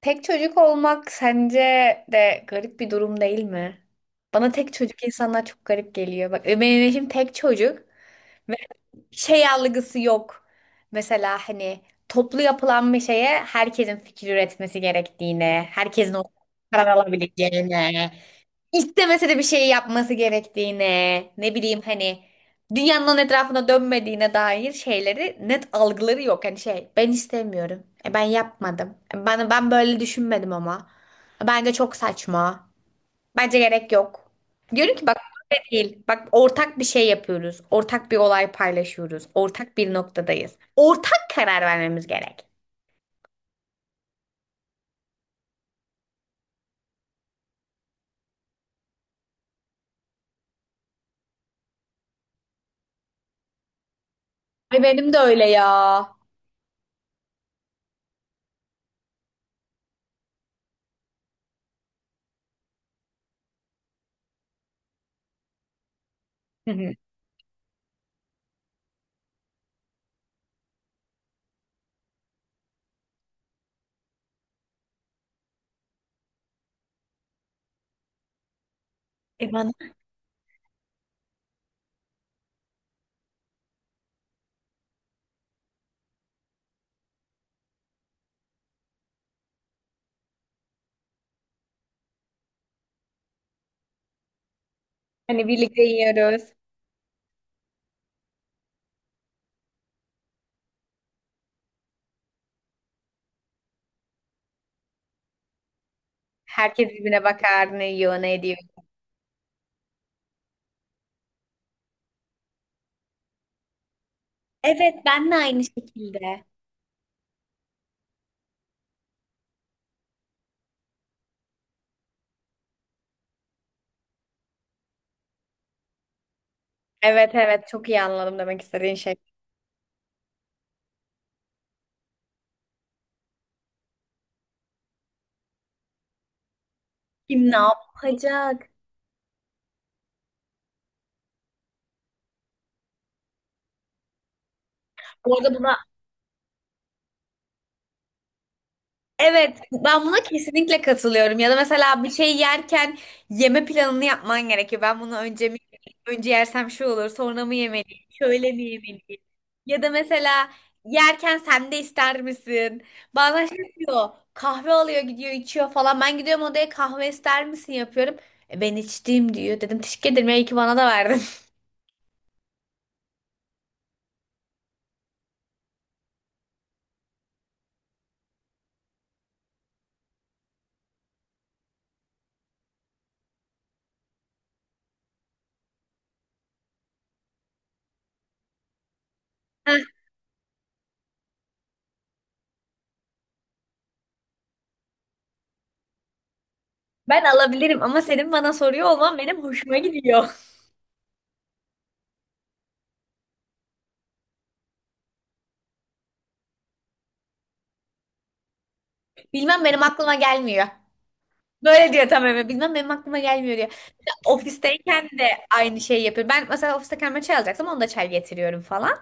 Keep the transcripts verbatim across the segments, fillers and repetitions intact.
Tek çocuk olmak sence de garip bir durum değil mi? Bana tek çocuk insanlar çok garip geliyor. Bak e, benim eşim tek çocuk ve şey algısı yok. Mesela hani toplu yapılan bir şeye herkesin fikir üretmesi gerektiğine, herkesin o karar alabileceğine istemese de bir şey yapması gerektiğine, ne bileyim hani dünyanın onun etrafına dönmediğine dair şeyleri net algıları yok. Hani şey ben istemiyorum. E, ben yapmadım. E, ben, ben böyle düşünmedim ama. Bence çok saçma. Bence gerek yok. Diyorum ki bak böyle değil. Bak ortak bir şey yapıyoruz. Ortak bir olay paylaşıyoruz. Ortak bir noktadayız. Ortak karar vermemiz gerek. Ay benim de öyle ya. Hı hı. E bana hani birlikte yiyoruz. Herkes birbirine bakar, ne yiyor, ne ediyor. Evet ben de aynı şekilde. Evet, evet, çok iyi anladım demek istediğin şey. Kim ne yapacak? Bu arada bunu evet, ben buna kesinlikle katılıyorum. Ya da mesela bir şey yerken yeme planını yapman gerekiyor. Ben bunu önce mi önce yersem şu olur, sonra mı yemeliyim, şöyle mi yemeliyim? Ya da mesela yerken sen de ister misin? Bazen şey diyor, kahve alıyor gidiyor içiyor falan. Ben gidiyorum odaya kahve ister misin yapıyorum. "E, ben içtiğim" diyor. Dedim teşekkür ederim ya, iyi ki bana da verdin. Heh, ben alabilirim ama senin bana soruyor olman benim hoşuma gidiyor. Bilmem, benim aklıma gelmiyor. Böyle diyor tam eve. Bilmem benim aklıma gelmiyor diyor. Ofisteyken de aynı şeyi yapıyor. Ben mesela ofiste kendime çay alacaksam onu da çay getiriyorum falan.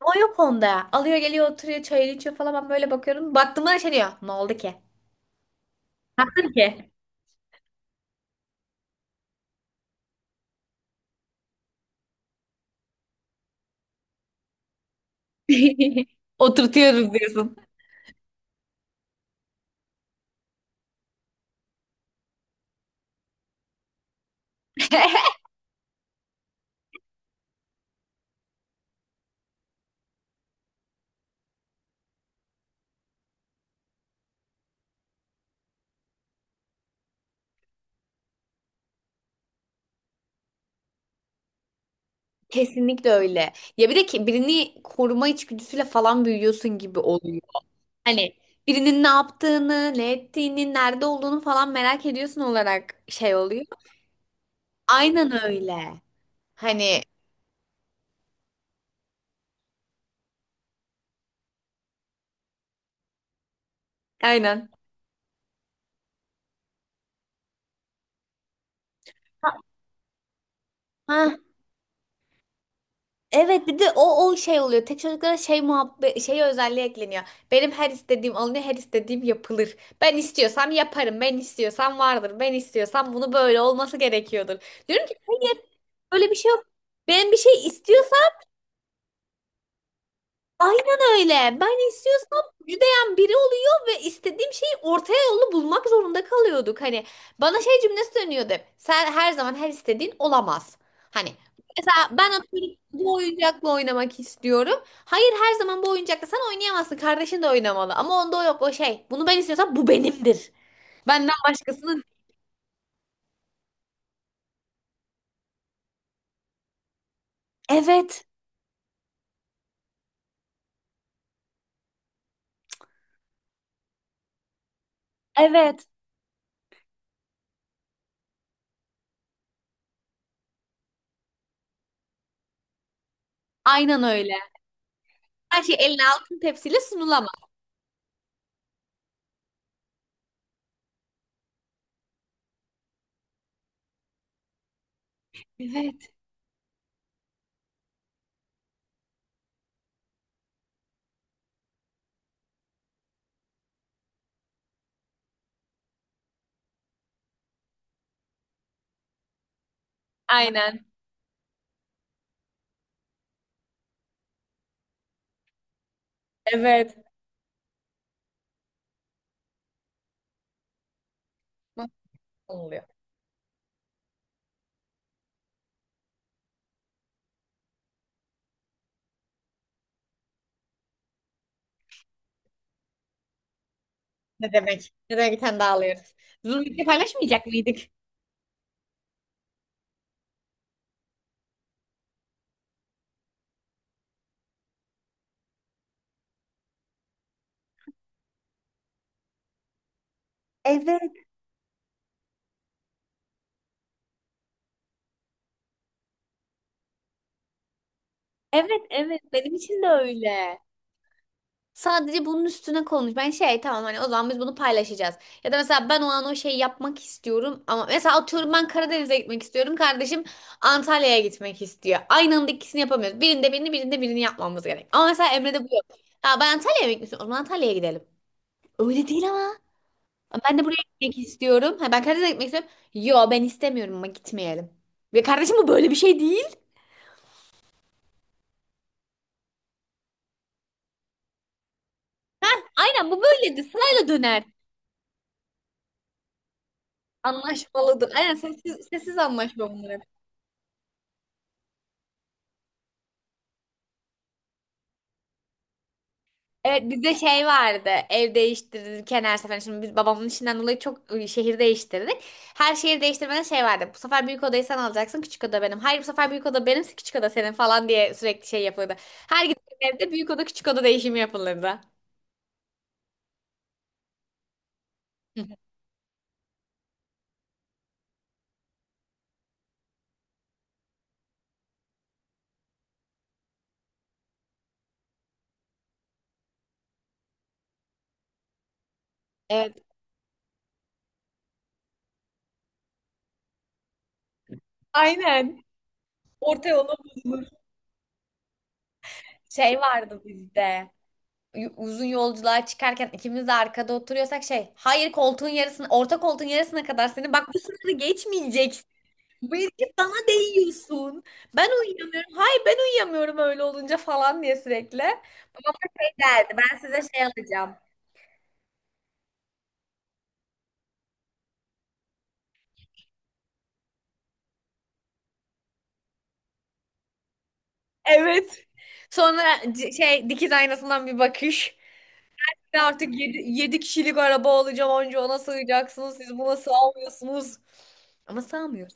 O yok onda. Alıyor geliyor oturuyor çayını içiyor falan. Ben böyle bakıyorum. Baktığımda da şey diyor. Ne oldu ki? Ne yaptın ki? Oturtuyoruz diyorsun. Kesinlikle öyle. Ya bir de ki birini koruma içgüdüsüyle falan büyüyorsun gibi oluyor. Hani birinin ne yaptığını, ne ettiğini, nerede olduğunu falan merak ediyorsun olarak şey oluyor. Aynen öyle. Hani aynen. Ha, evet bir de o o şey oluyor. Tek çocuklara şey muhabbet şey özelliği ekleniyor. Benim her istediğim alınıyor, her istediğim yapılır. Ben istiyorsam yaparım, ben istiyorsam vardır, ben istiyorsam bunu böyle olması gerekiyordur. Diyorum ki hayır, böyle bir şey yok. Ben bir şey istiyorsam aynen öyle. Ben istiyorsam müjdeyen biri oluyor ve istediğim şeyi ortaya yolunu bulmak zorunda kalıyorduk. Hani bana şey cümlesi dönüyordu hep: "Sen her zaman her istediğin olamaz." Hani mesela ben atıyorum bu oyuncakla oynamak istiyorum. Hayır, her zaman bu oyuncakla sen oynayamazsın. Kardeşin de oynamalı. Ama onda o yok, o şey. Bunu ben istiyorsam bu benimdir. Benden başkasının. Evet. Evet. Aynen öyle. Her şey eline altın tepsiyle sunulamaz. Evet. Aynen. Evet. Nasıl oluyor? Ne demek? Ne demek bir tane daha alıyoruz. Biz bunu paylaşmayacak mıydık? Evet, evet, evet. Benim için de öyle. Sadece bunun üstüne konuş. Ben şey tamam, hani o zaman biz bunu paylaşacağız. Ya da mesela ben o an o şeyi yapmak istiyorum ama mesela atıyorum ben Karadeniz'e gitmek istiyorum. Kardeşim Antalya'ya gitmek istiyor. Aynı anda ikisini yapamıyoruz. Birinde birini, birinde birini yapmamız gerek. Ama mesela Emre'de bu yok. Ya ben Antalya'ya mı gitmek istiyorum? O zaman Antalya'ya gidelim. Öyle değil ama. Ben de buraya gitmek istiyorum. Ha, ben Karadeniz'e gitmek istiyorum. Yo, ben istemiyorum ama gitmeyelim. Ve kardeşim bu böyle bir şey değil. Ha, aynen bu böyledir. Sırayla döner. Anlaşmalıdır. Aynen sessiz, sessiz anlaşma bunlar. Evet bizde şey vardı. Ev değiştirdik kenar sefer. Şimdi biz babamın işinden dolayı çok e, şehir değiştirdik. Her şehir değiştirmeden şey vardı. Bu sefer büyük odayı sen alacaksın. Küçük oda benim. Hayır, bu sefer büyük oda benim. Küçük oda senin falan diye sürekli şey yapılırdı. Her gittiğim evde büyük oda küçük oda değişimi yapılırdı. Hı hı. Evet. Aynen. Orta yola bozulur. Şey vardı bizde. y- Uzun yolculuğa çıkarken ikimiz de arkada oturuyorsak şey, hayır, koltuğun yarısını, orta koltuğun yarısına kadar seni, bak bu sınırı geçmeyeceksin. Bu herif bana değiyorsun. Ben uyuyamıyorum. Hayır ben uyuyamıyorum öyle olunca falan diye sürekli. Babam da şey derdi. Ben size şey alacağım. Evet. Sonra c- şey, dikiz aynasından bir bakış. "Ben artık yedi, kişilik araba olacağım. Onca ona sığacaksınız. Siz buna sığamıyorsunuz." Ama sığamıyoruz.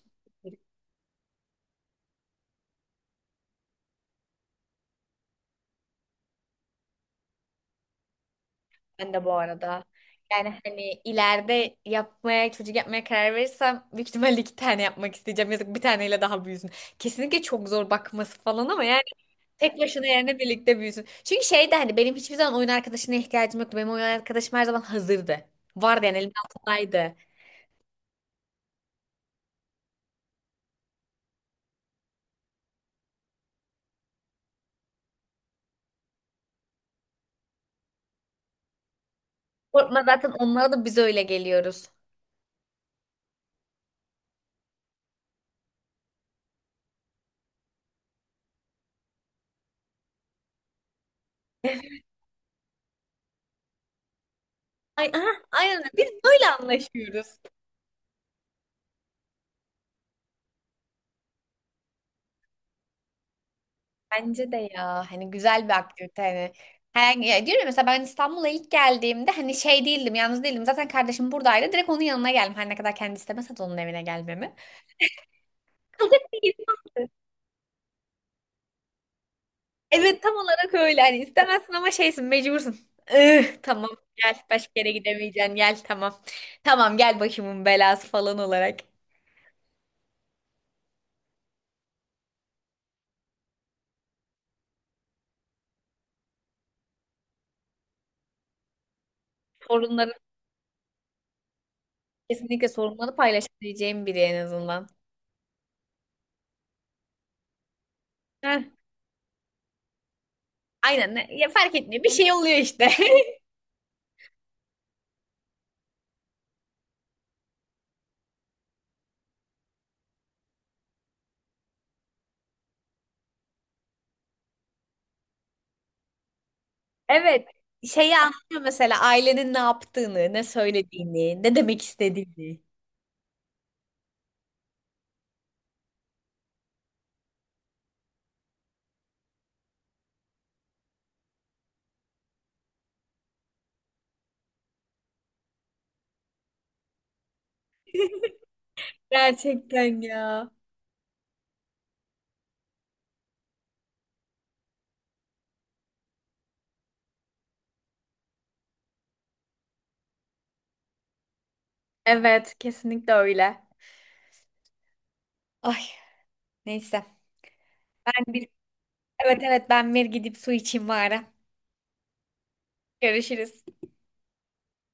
Ben de bu arada. Yani hani ileride yapmaya, çocuk yapmaya karar verirsem büyük ihtimalle iki tane yapmak isteyeceğim. Yazık, bir taneyle daha büyüsün. Kesinlikle çok zor bakması falan ama yani tek başına yerine birlikte büyüsün. Çünkü şey de hani benim hiçbir zaman oyun arkadaşına ihtiyacım yoktu. Benim oyun arkadaşım her zaman hazırdı. Vardı yani, elimin altındaydı. Korkma, zaten onlara da biz öyle geliyoruz. Ay, aha, aynen öyle. Biz böyle anlaşıyoruz. Bence de ya hani güzel bir aktivite hani. Her, ya diyorum ya, mesela ben İstanbul'a ilk geldiğimde hani şey değildim, yalnız değildim, zaten kardeşim buradaydı, direkt onun yanına geldim her ne kadar kendi istemese de onun evine gelmemi. Kalacak bir yerim yoktu. Evet tam olarak öyle, hani istemezsin ama şeysin, mecbursun. Ih, tamam gel, başka yere gidemeyeceksin gel, tamam. Tamam gel başımın belası falan olarak. Sorunları, kesinlikle sorunları paylaşabileceğim biri en azından. Heh, aynen ne- ya fark etmiyor, bir şey oluyor işte. Evet, şeyi anlıyor mesela, ailenin ne yaptığını, ne söylediğini, ne demek istediğini. Gerçekten ya. Evet, kesinlikle öyle. Ay, neyse. Ben bir, evet evet ben bir gidip su içeyim bari. Görüşürüz.